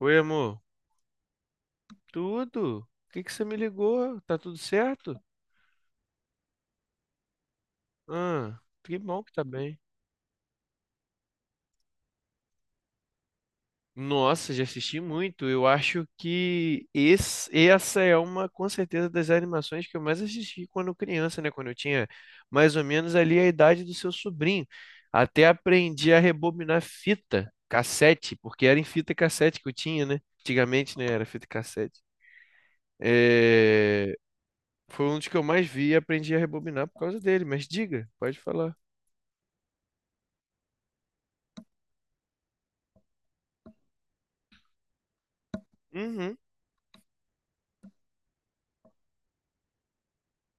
Oi, amor. Tudo? Por que que você me ligou? Tá tudo certo? Ah, que bom que tá bem. Nossa, já assisti muito. Eu acho que essa é uma, com certeza, das animações que eu mais assisti quando criança, né? Quando eu tinha mais ou menos ali a idade do seu sobrinho. Até aprendi a rebobinar fita, cassete, porque era em fita cassete que eu tinha, né? Antigamente, né? Era fita cassete. É, Foi um dos que eu mais vi e aprendi a rebobinar por causa dele. Mas diga, pode falar. Uhum.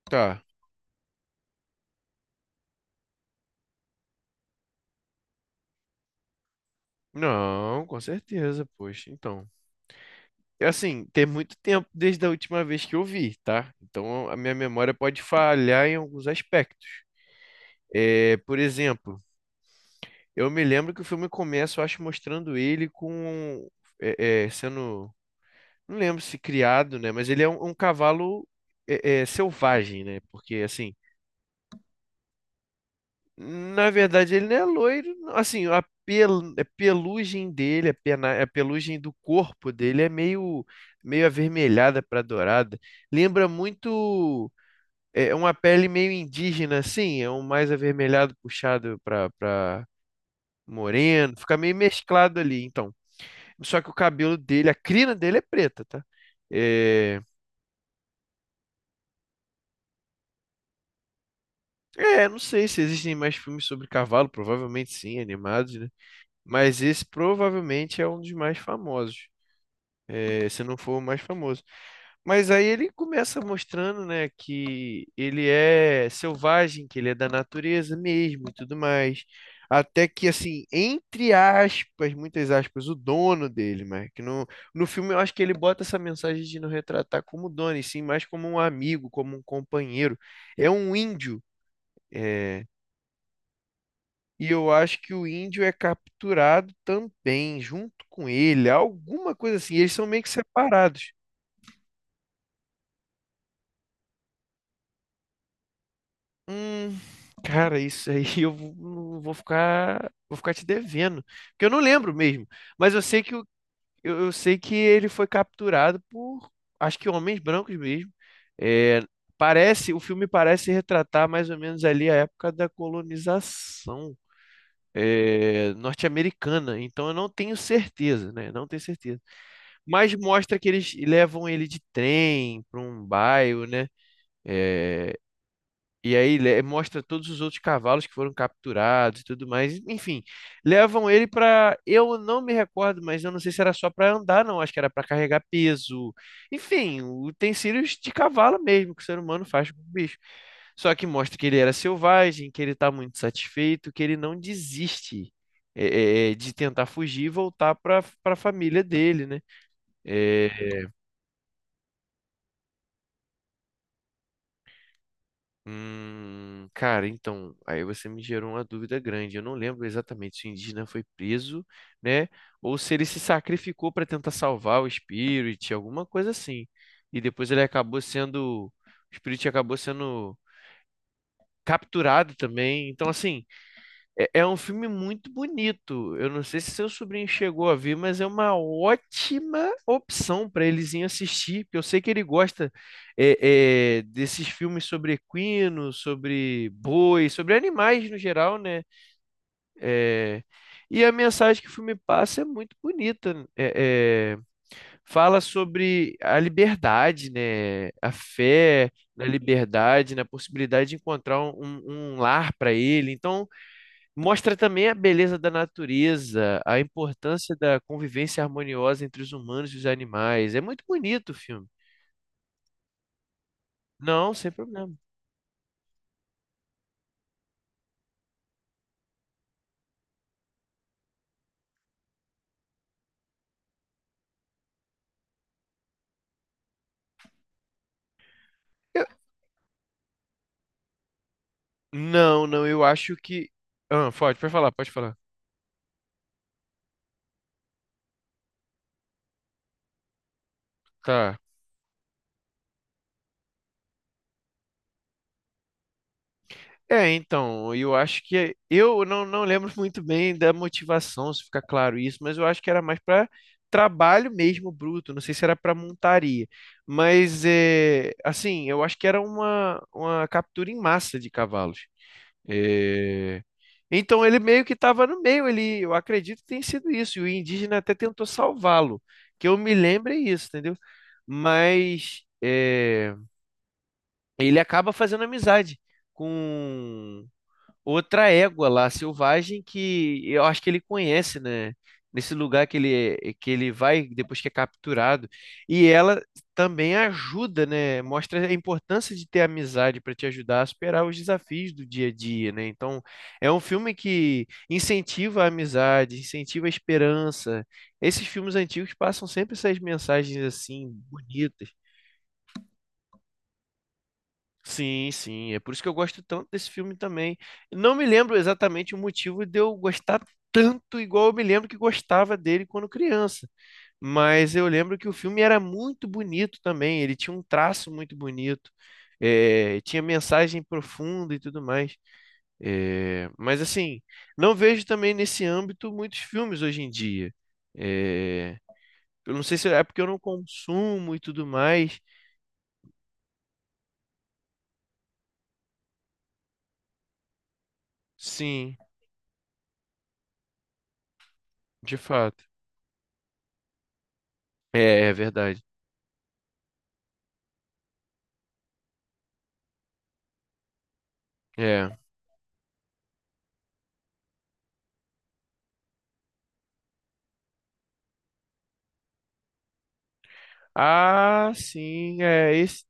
Tá. Não, com certeza, poxa. Então, é assim, tem muito tempo desde a última vez que eu vi, tá? Então, a minha memória pode falhar em alguns aspectos. É, por exemplo, eu me lembro que o filme começa, eu acho, mostrando ele com, sendo, não lembro se criado, né? Mas ele é um, um cavalo selvagem, né? Porque assim. Na verdade, ele não é loiro. Não. Assim, a a pelugem dele, a, a pelugem do corpo dele é meio, meio avermelhada para dourada. Lembra muito é, uma pele meio indígena, assim, é um mais avermelhado puxado para moreno. Fica meio mesclado ali, então. Só que o cabelo dele, a crina dele é preta, tá? É, não sei se existem mais filmes sobre cavalo, provavelmente sim, animados, né? Mas esse provavelmente é um dos mais famosos. É, se não for o mais famoso. Mas aí ele começa mostrando, né, que ele é selvagem, que ele é da natureza mesmo e tudo mais. Até que, assim, entre aspas, muitas aspas, o dono dele, mas que no filme eu acho que ele bota essa mensagem de não retratar como dono, e sim mais como um amigo, como um companheiro. É um índio, é, e eu acho que o índio é capturado também, junto com ele, alguma coisa assim. Eles são meio que separados. Hum, cara, isso aí eu vou ficar, vou ficar te devendo, porque eu não lembro mesmo. Mas eu sei que o- eu sei que ele foi capturado por, acho que homens brancos mesmo. É, parece, o filme parece retratar mais ou menos ali a época da colonização. É, norte-americana, então eu não tenho certeza, né? Não tenho certeza. Mas mostra que eles levam ele de trem para um bairro, né? É, e aí le- mostra todos os outros cavalos que foram capturados e tudo mais. Enfim, levam ele para. Eu não me recordo, mas eu não sei se era só para andar, não. Acho que era para carregar peso. Enfim, utensílios de cavalo mesmo que o ser humano faz com o bicho. Só que mostra que ele era selvagem, que ele está muito satisfeito, que ele não desiste é, de tentar fugir e voltar para a família dele, né? Eh, cara, então, aí você me gerou uma dúvida grande. Eu não lembro exatamente se o indígena foi preso, né? Ou se ele se sacrificou para tentar salvar o Spirit, alguma coisa assim. E depois ele acabou sendo. O Spirit acabou sendo capturado também. Então, assim, é, é um filme muito bonito. Eu não sei se seu sobrinho chegou a ver, mas é uma ótima opção para eles irem assistir, porque eu sei que ele gosta desses filmes sobre equino, sobre boi, sobre animais no geral, né? É, e a mensagem que o filme passa é muito bonita. Fala sobre a liberdade, né? A fé na liberdade, na possibilidade de encontrar um, um lar para ele. Então mostra também a beleza da natureza, a importância da convivência harmoniosa entre os humanos e os animais. É muito bonito o filme. Não, sem problema. Eu- não, não, eu acho que. Ah, pode, pode falar, pode falar. Tá. É, então, eu acho que. Eu não, não lembro muito bem da motivação, se ficar claro isso, mas eu acho que era mais para trabalho mesmo bruto, não sei se era para montaria. Mas, é, assim, eu acho que era uma captura em massa de cavalos. É, então ele meio que estava no meio, ele, eu acredito que tenha sido isso, e o indígena até tentou salvá-lo, que eu me lembro é isso, entendeu? Mas é, ele acaba fazendo amizade com outra égua lá, selvagem, que eu acho que ele conhece, né? Nesse lugar que ele vai depois que é capturado. E ela também ajuda, né? Mostra a importância de ter amizade para te ajudar a superar os desafios do dia a dia, né? Então, é um filme que incentiva a amizade, incentiva a esperança. Esses filmes antigos passam sempre essas mensagens assim, bonitas. Sim, sim. É por isso que eu gosto tanto desse filme também. Não me lembro exatamente o motivo de eu gostar tanto, igual eu me lembro que gostava dele quando criança. Mas eu lembro que o filme era muito bonito também. Ele tinha um traço muito bonito, eh, tinha mensagem profunda e tudo mais. Mas assim, não vejo também nesse âmbito muitos filmes hoje em dia. Eh, eu não sei se é porque eu não consumo e tudo mais. Sim, de fato. É, é verdade. É. Ah, sim, é esse.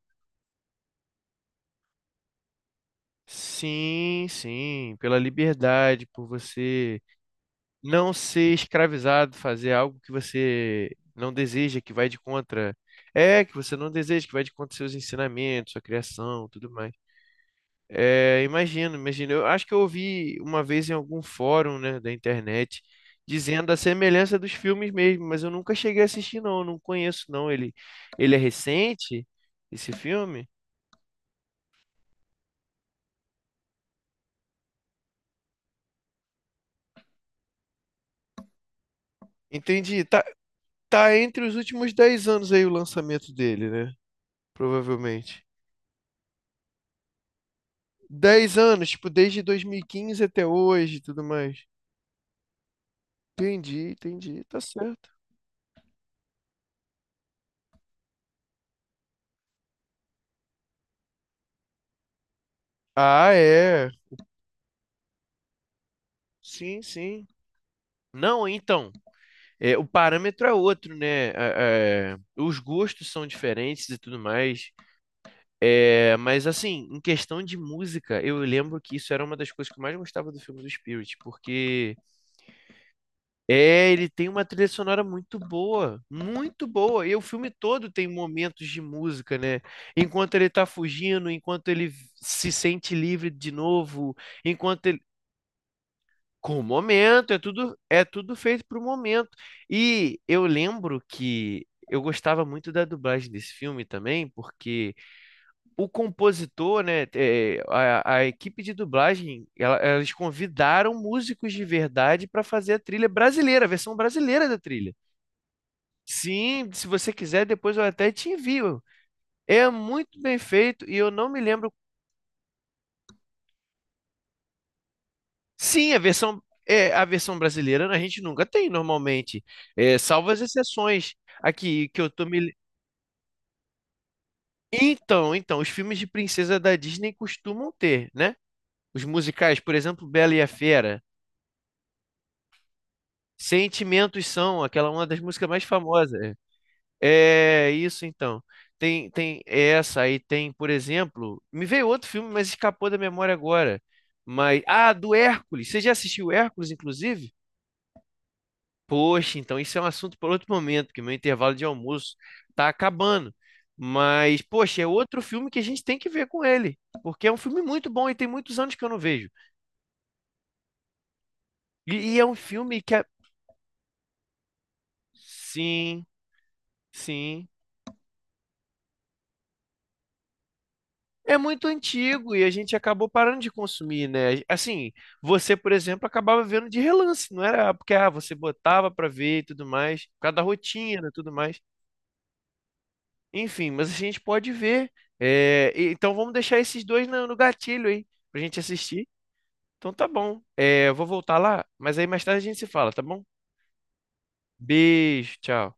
Sim, sim, pela liberdade, por você não ser escravizado, fazer algo que você não deseja, que vai de contra. É, que você não deseja, que vai de contra seus ensinamentos, sua criação, tudo mais. É, imagino, imagino. Eu acho que eu ouvi uma vez em algum fórum, né, da internet, dizendo a semelhança dos filmes mesmo, mas eu nunca cheguei a assistir, não, eu não conheço, não. Ele é recente, esse filme? Entendi. Tá, tá entre os últimos 10 anos aí o lançamento dele, né? Provavelmente. 10 anos, tipo, desde 2015 até hoje e tudo mais. Entendi, entendi, tá certo. Ah, é. Sim, sim. Não, então, é, o parâmetro é outro, né? Os gostos são diferentes e tudo mais. É, mas assim, em questão de música, eu lembro que isso era uma das coisas que eu mais gostava do filme do Spirit, porque é, ele tem uma trilha sonora muito boa, muito boa. E o filme todo tem momentos de música, né? Enquanto ele tá fugindo, enquanto ele se sente livre de novo, enquanto ele. Com o momento, é tudo feito pro momento. E eu lembro que eu gostava muito da dublagem desse filme também, porque o compositor, né, é, a equipe de dublagem, ela- elas convidaram músicos de verdade para fazer a trilha brasileira, a versão brasileira da trilha. Sim, se você quiser, depois eu até te envio. É muito bem feito e eu não me lembro. Sim, a versão é a versão brasileira a gente nunca tem normalmente, é, salvo as exceções aqui que eu tô me. Então, então, os filmes de princesa da Disney costumam ter, né? Os musicais, por exemplo, Bela e a Fera, Sentimentos são aquela uma das músicas mais famosas. É isso então. Tem, tem essa aí, tem, por exemplo, me veio outro filme, mas escapou da memória agora. Mas, ah, do Hércules. Você já assistiu Hércules, inclusive? Poxa, então isso é um assunto para outro momento, porque meu intervalo de almoço tá acabando. Mas, poxa, é outro filme que a gente tem que ver com ele, porque é um filme muito bom e tem muitos anos que eu não vejo. E é um filme que é... Sim, sim. É muito antigo e a gente acabou parando de consumir, né? Assim, você, por exemplo, acabava vendo de relance, não era porque ah, você botava pra ver e tudo mais, por causa da rotina e tudo mais. Enfim, mas a gente pode ver. É, e- então vamos deixar esses dois no gatilho aí, pra gente assistir. Então tá bom. É, eu vou voltar lá, mas aí mais tarde a gente se fala, tá bom? Beijo, tchau.